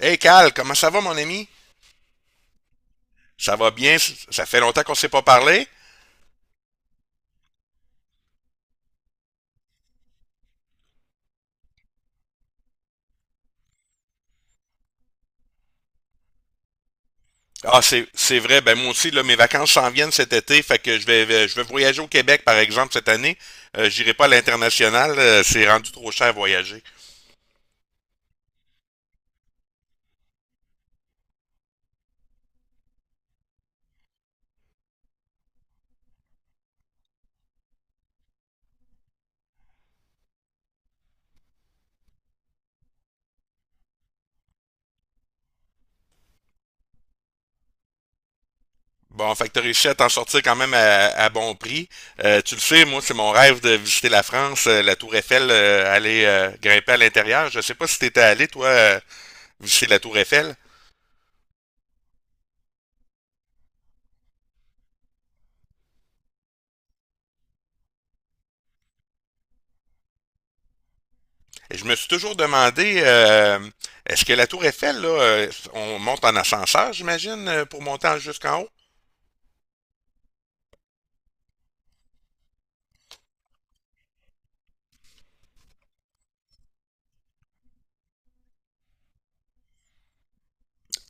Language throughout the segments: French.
Hey Cal, comment ça va, mon ami? Ça va bien? Ça fait longtemps qu'on ne s'est pas parlé? Ah, c'est vrai. Ben, moi aussi, là, mes vacances s'en viennent cet été. Fait que je vais voyager au Québec, par exemple, cette année. J'irai pas à l'international. C'est rendu trop cher à voyager. Bon, fait que t'as réussi à t'en sortir quand même à bon prix. Tu le sais, moi, c'est mon rêve de visiter la France, la Tour Eiffel, aller grimper à l'intérieur. Je sais pas si t'étais allé, toi, visiter la Tour Eiffel. Je me suis toujours demandé, est-ce que la Tour Eiffel, là, on monte en ascenseur, j'imagine, pour jusqu'en haut?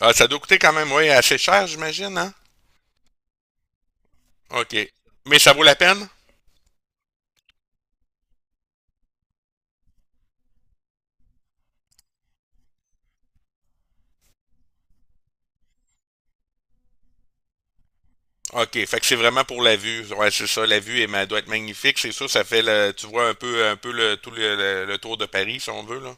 Ah, ça doit coûter quand même, oui, assez cher, j'imagine, hein? OK. Mais ça vaut la peine? OK, fait que c'est vraiment pour la vue. Ouais, c'est ça, la vue elle, elle doit être magnifique, c'est sûr, ça fait le, tu vois un peu le tout le tour de Paris si on veut là.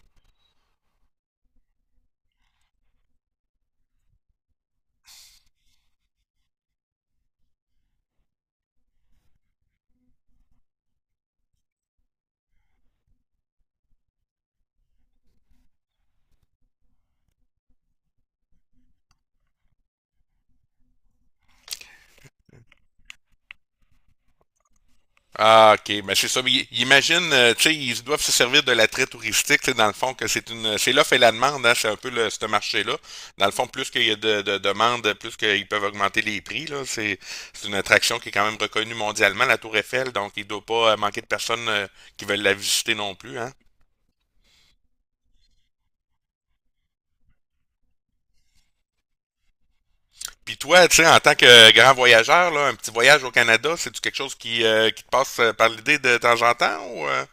Ah, ok, ben c'est ça. Mais imagine, tu sais, ils doivent se servir de l'attrait touristique, tu sais, dans le fond, que c'est l'offre et la demande, hein, c'est un peu ce marché-là. Dans le fond, plus qu'il y a de demandes, plus qu'ils peuvent augmenter les prix, là. C'est une attraction qui est quand même reconnue mondialement, la Tour Eiffel, donc il ne doit pas manquer de personnes qui veulent la visiter non plus, hein. Puis toi, tu sais, en tant que grand voyageur, là, un petit voyage au Canada, c'est-tu quelque chose qui te passe par l'idée de temps en temps ou?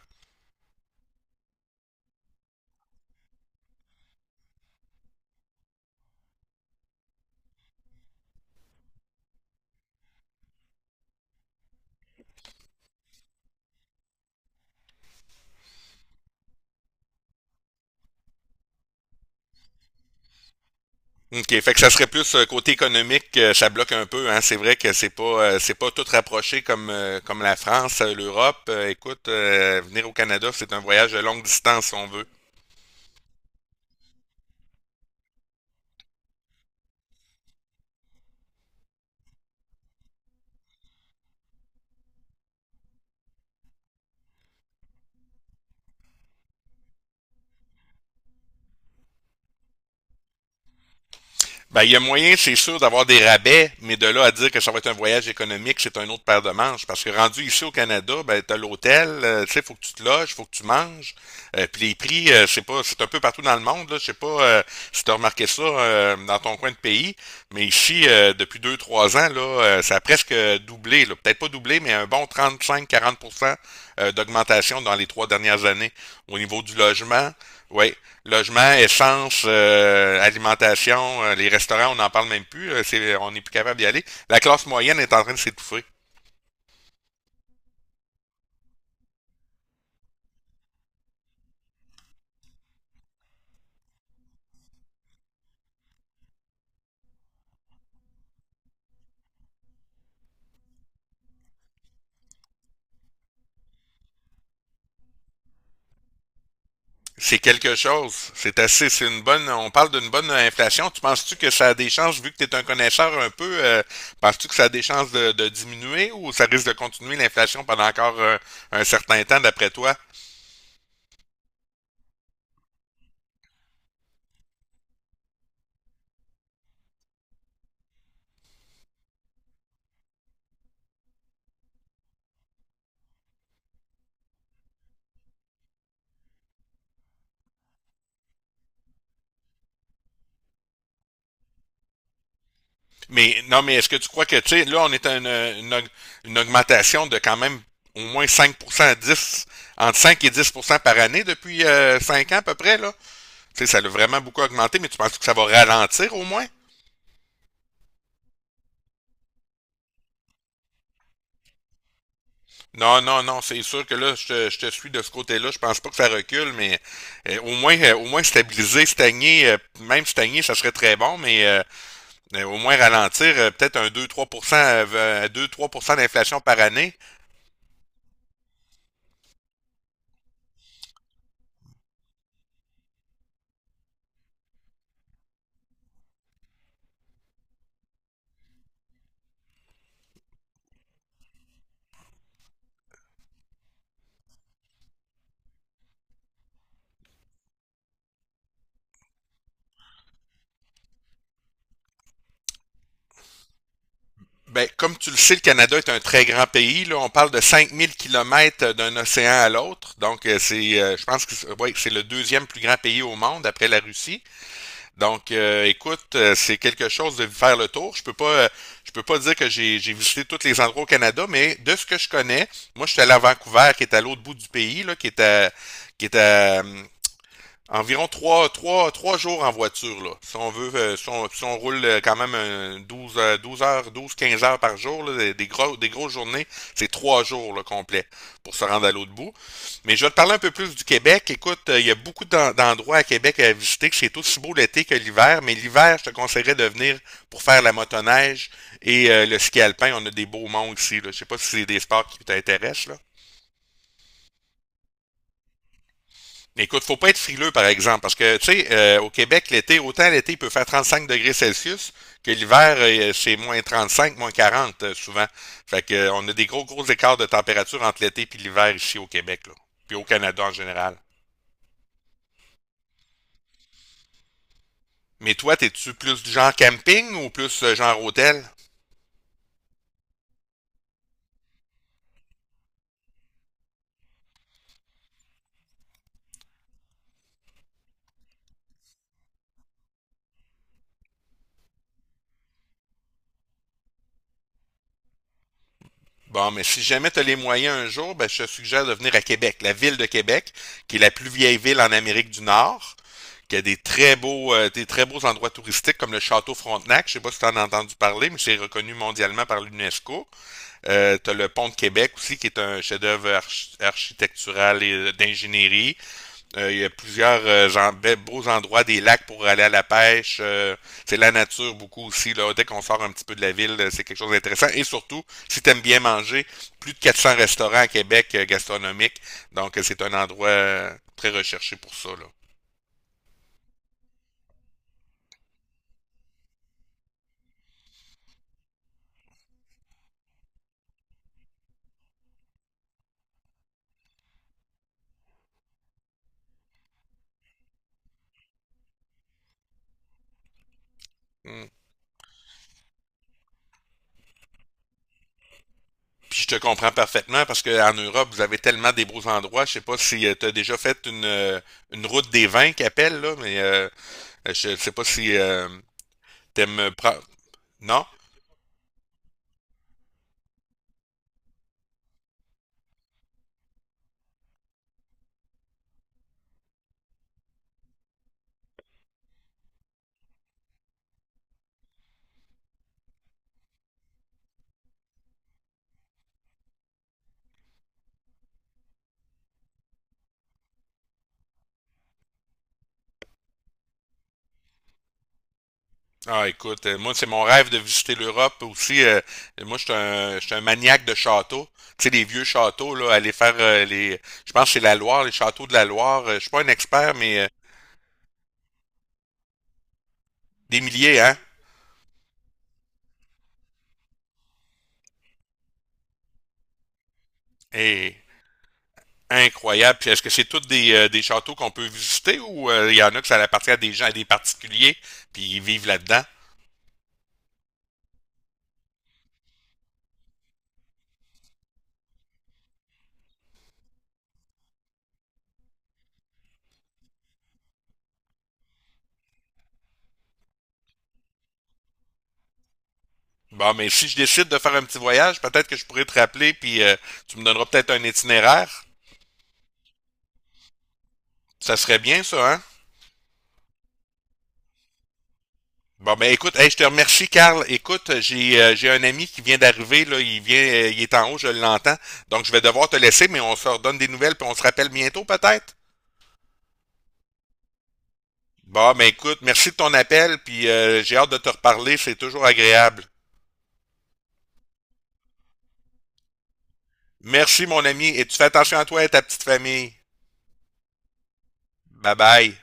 OK, fait que ça serait plus côté économique, ça bloque un peu. Hein. C'est vrai que c'est pas tout rapproché comme la France, l'Europe. Écoute, venir au Canada, c'est un voyage de longue distance si on veut. Ben, il y a moyen, c'est sûr, d'avoir des rabais, mais de là à dire que ça va être un voyage économique, c'est un autre paire de manches. Parce que rendu ici au Canada, ben, t'as l'hôtel, tu sais, faut que tu te loges, faut que tu manges. Puis les prix, c'est pas, c'est un peu partout dans le monde, là. Je sais pas si t'as remarqué ça dans ton coin de pays, mais ici, depuis deux, trois ans, là, ça a presque doublé, là. Peut-être pas doublé, mais un bon 35-40% d'augmentation dans les trois dernières années au niveau du logement. Oui, logement, essence, alimentation, les restaurants, on n'en parle même plus. On n'est plus capable d'y aller. La classe moyenne est en train de s'étouffer. C'est quelque chose. C'est assez, c'est une bonne. On parle d'une bonne inflation. Tu penses-tu que ça a des chances, vu que tu es un connaisseur un peu, penses-tu que ça a des chances de diminuer ou ça risque de continuer l'inflation pendant encore un certain temps, d'après toi? Mais non, mais est-ce que tu crois que, tu sais, là, on est à une augmentation de quand même au moins 5% à 10 entre 5 et 10% par année depuis 5 ans à peu près, là? Tu sais, ça l'a vraiment beaucoup augmenté, mais tu penses que ça va ralentir au moins? Non, non, non, c'est sûr que là, je te suis de ce côté-là. Je pense pas que ça recule, mais au moins, stagner, même stagner, ça serait très bon, mais au moins ralentir, peut-être un 2-3%, 2 à 3% d'inflation par année. Ben, comme tu le sais, le Canada est un très grand pays. Là, on parle de 5000 kilomètres d'un océan à l'autre. Donc, je pense que ouais, que c'est le deuxième plus grand pays au monde après la Russie. Donc, écoute, c'est quelque chose de faire le tour. Je peux pas dire que j'ai visité tous les endroits au Canada, mais de ce que je connais, moi, je suis allé à Vancouver, qui est à l'autre bout du pays, là, qui est à, euh, environ trois jours en voiture, là. Si on veut, si on roule quand même 12 12 heures, 12, 15 heures par jour, là, des grosses journées, c'est trois jours, là, complet pour se rendre à l'autre bout. Mais je vais te parler un peu plus du Québec. Écoute, il y a beaucoup d'endroits à Québec à visiter, que c'est aussi beau l'été que l'hiver, mais l'hiver, je te conseillerais de venir pour faire la motoneige et le ski alpin. On a des beaux monts ici, là. Je sais pas si c'est des sports qui t'intéressent, là. Écoute, faut pas être frileux, par exemple, parce que, tu sais, au Québec, l'été, autant l'été peut faire 35 degrés Celsius que l'hiver, c'est moins 35, moins 40, souvent. Fait que, on a des gros, gros écarts de température entre l'été puis l'hiver ici au Québec, là, puis au Canada en général. Mais toi, t'es-tu plus du genre camping ou plus genre hôtel? Bon, mais si jamais tu as les moyens un jour, ben, je te suggère de venir à Québec, la ville de Québec, qui est la plus vieille ville en Amérique du Nord, qui a des très beaux, endroits touristiques comme le Château Frontenac. Je sais pas si tu en as entendu parler, mais c'est reconnu mondialement par l'UNESCO. Tu as le Pont de Québec aussi, qui est un chef-d'œuvre architectural et d'ingénierie. Il y a plusieurs beaux endroits, des lacs pour aller à la pêche. C'est la nature beaucoup aussi. Là. Dès qu'on sort un petit peu de la ville, c'est quelque chose d'intéressant. Et surtout, si tu aimes bien manger, plus de 400 restaurants à Québec gastronomiques. Donc, c'est un endroit très recherché pour ça. Là. Mm. Puis je te comprends parfaitement parce qu'en Europe, vous avez tellement des beaux endroits. Je sais pas si tu as déjà fait une route des vins qu'appelle, là, mais je sais pas si t'aimes... Non? Ah, écoute, moi, c'est mon rêve de visiter l'Europe aussi. Moi, je suis un maniaque de châteaux. Tu sais, les vieux châteaux, là, aller faire les. Je pense que c'est la Loire, les châteaux de la Loire. Je suis pas un expert, mais des milliers, hein? Et incroyable. Puis est-ce que c'est tous des châteaux qu'on peut visiter ou il y en a que ça appartient à des gens, à des particuliers, puis ils vivent là-dedans? Bon, mais si je décide de faire un petit voyage, peut-être que je pourrais te rappeler, puis tu me donneras peut-être un itinéraire. Ça serait bien, ça, hein? Bon, ben écoute, hey, je te remercie, Carl. Écoute, j'ai un ami qui vient d'arriver, là, il est en haut, je l'entends. Donc, je vais devoir te laisser, mais on se redonne des nouvelles, puis on se rappelle bientôt, peut-être. Bon, ben écoute, merci de ton appel, puis j'ai hâte de te reparler, c'est toujours agréable. Merci, mon ami, et tu fais attention à toi et à ta petite famille. Bye bye.